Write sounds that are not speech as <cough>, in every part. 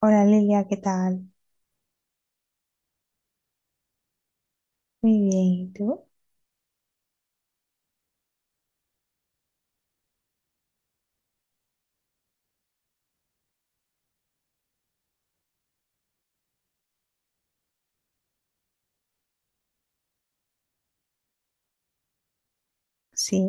Hola Lilia, ¿qué tal? Muy bien, ¿y tú? Sí.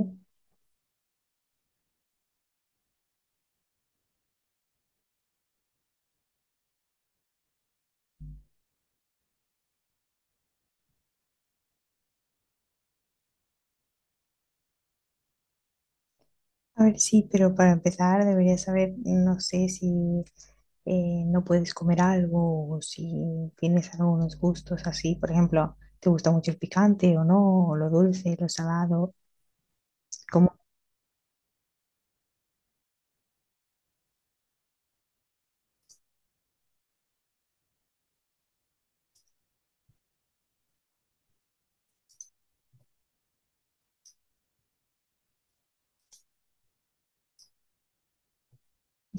A ver, sí, pero para empezar deberías saber, no sé si no puedes comer algo o si tienes algunos gustos así. Por ejemplo, ¿te gusta mucho el picante o no? O lo dulce, lo salado. ¿Cómo?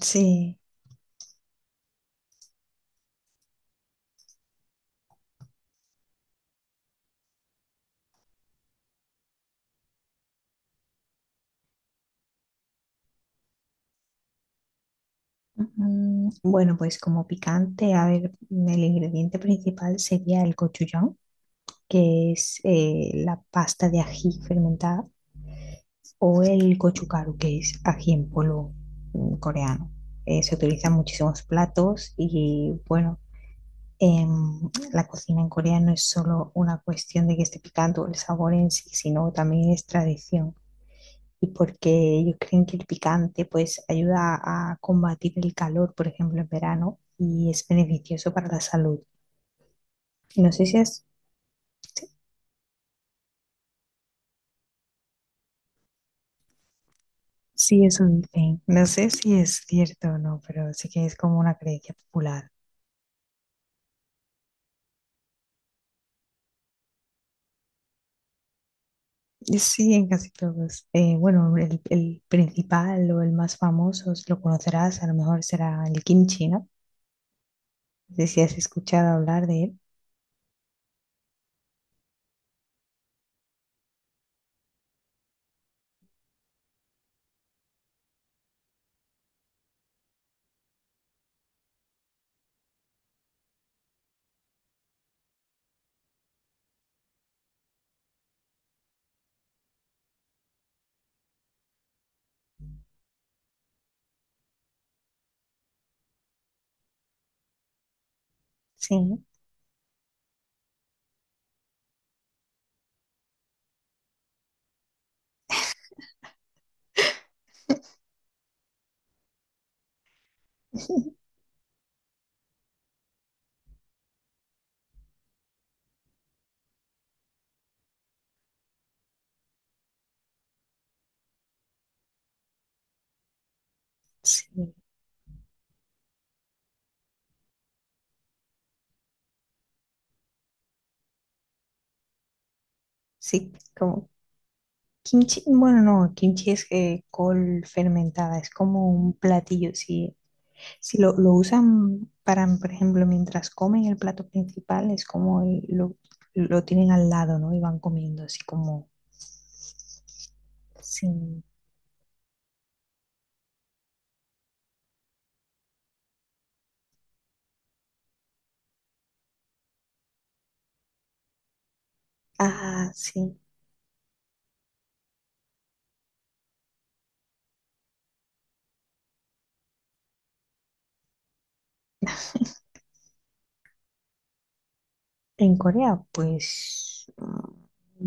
Sí. Bueno, pues como picante, a ver, el ingrediente principal sería el gochujang, que es la pasta de ají fermentada. O el gochugaru, que es ají en polvo coreano. Se utilizan muchísimos platos y bueno, la cocina en Corea no es solo una cuestión de que esté picante o el sabor en sí, sino también es tradición. Y porque ellos creen que el picante pues ayuda a combatir el calor, por ejemplo, en verano, y es beneficioso para la salud. No sé si es, si es un thing, no sé si es cierto o no, pero sí que es como una creencia popular. Sí, en casi todos. Bueno, el principal o el más famoso, si lo conocerás, a lo mejor será el kimchi, ¿no? No sé si has escuchado hablar de él. Sí, <laughs> sí, sí, como kimchi. Bueno, no, kimchi es col fermentada, es como un platillo. Si, si lo usan para, por ejemplo, mientras comen el plato principal, es como lo tienen al lado, ¿no? Y van comiendo así como... Sí. Ah, sí. En Corea, pues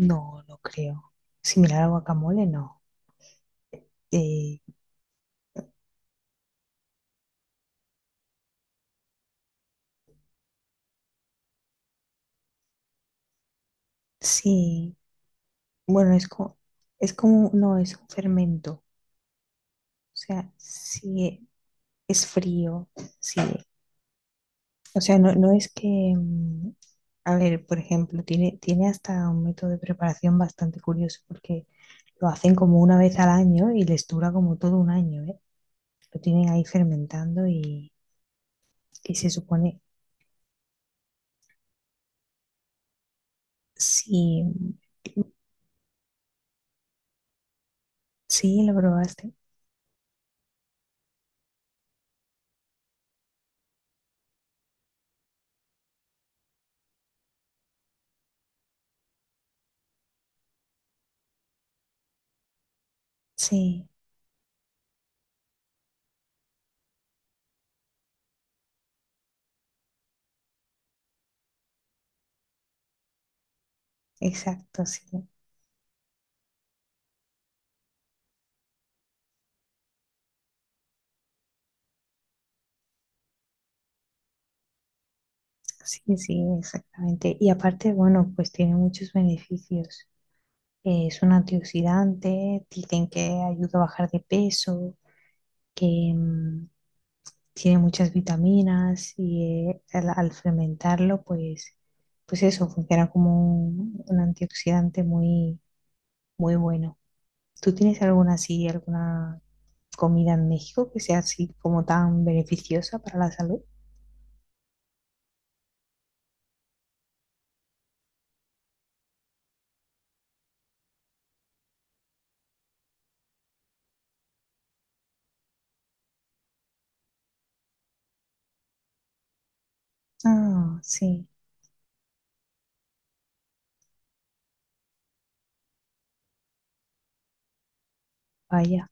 no, no creo. Similar al guacamole, no. Eh, sí, bueno, no, es un fermento. O sea, sí es frío, sí. O sea, no, no es que, mm, a ver, por ejemplo, tiene hasta un método de preparación bastante curioso porque lo hacen como una vez al año y les dura como todo un año, ¿eh? Lo tienen ahí fermentando y se supone, sí. Sí, lo probaste. Sí, exacto, sí. Sí, sí, exactamente. Y aparte, bueno, pues tiene muchos beneficios. Es un antioxidante, dicen que ayuda a bajar de peso, que tiene muchas vitaminas y al fermentarlo, pues, pues eso, funciona como un antioxidante muy, muy bueno. ¿Tú tienes alguna así, alguna comida en México que sea así como tan beneficiosa para la salud? Ah, sí, vaya,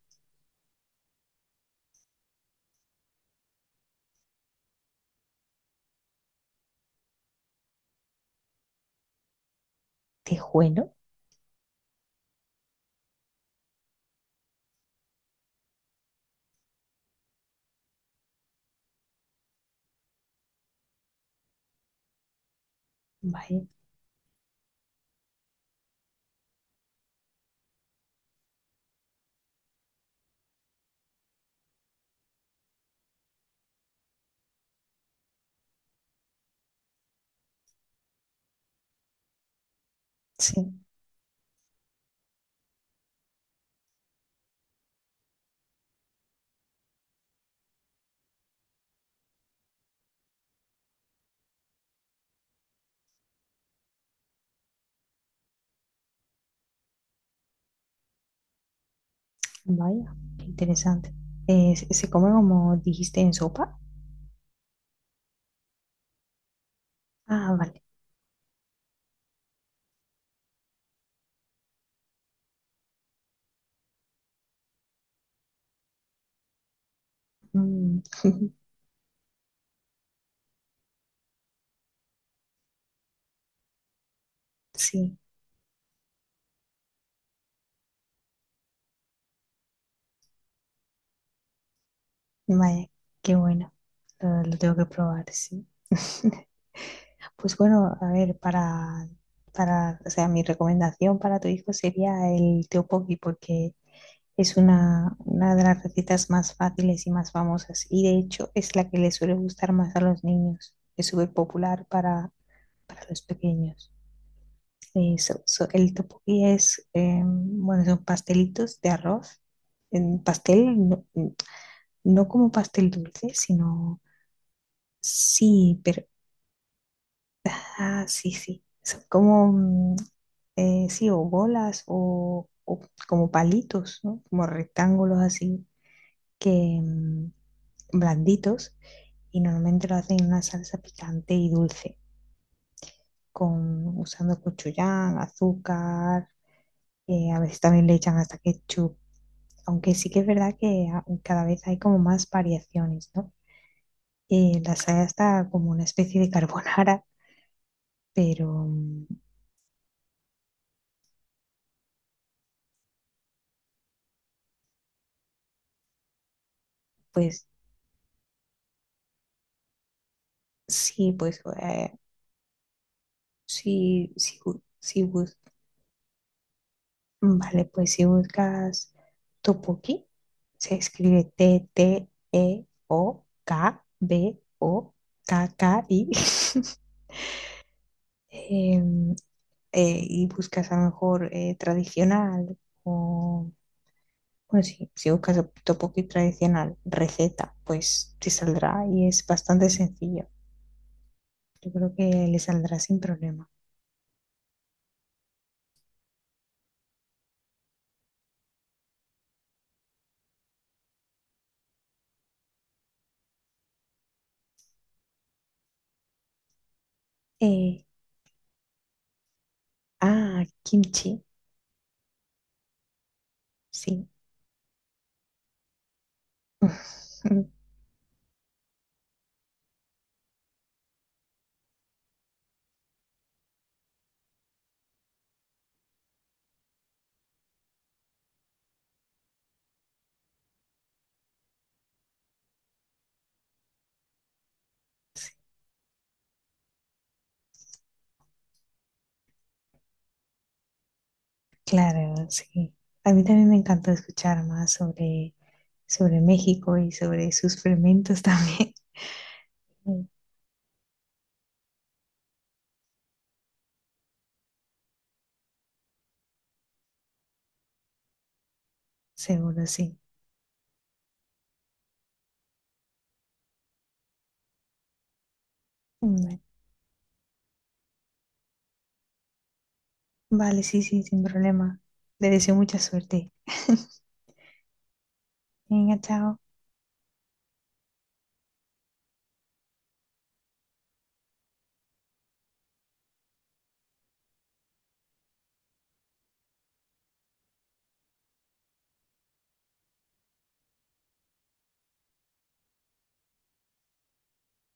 tejuelo, vaya, sí, vaya, qué interesante. Se come como dijiste en sopa? Ah, vale. Mm, <laughs> sí, vaya, qué bueno. Lo tengo que probar, sí. <laughs> Pues bueno, a ver, o sea, mi recomendación para tu hijo sería el tteokbokki porque es una de las recetas más fáciles y más famosas y de hecho es la que le suele gustar más a los niños. Es súper popular para los pequeños. Sí, el tteokbokki es, bueno, son pastelitos de arroz. En pastel, no, no como pastel dulce, sino, sí, pero, ah, sí, sí. Son como, sí, o bolas o como palitos, ¿no? Como rectángulos así, que, blanditos. Y normalmente lo hacen en una salsa picante y dulce, con, usando cochuyán, azúcar a veces también le echan hasta ketchup, aunque sí que es verdad que cada vez hay como más variaciones, ¿no? La saya está como una especie de carbonara, pero pues sí, sí, sí, vale, pues si buscas topoki, se escribe TTEOKBOKKI. <laughs> em, y buscas a lo mejor tradicional o pues sí, si buscas tteokbokki tradicional, receta, pues te saldrá y es bastante sencillo. Yo creo que le saldrá sin problema. Eh, ah, kimchi, sí. <laughs> Claro, sí. A mí también me encantó escuchar más sobre, sobre México y sobre sus fermentos también. <laughs> Mm, seguro, sí. Mm, vale, sí, sí, sin problema. Te deseo mucha suerte. <laughs> Venga, chao.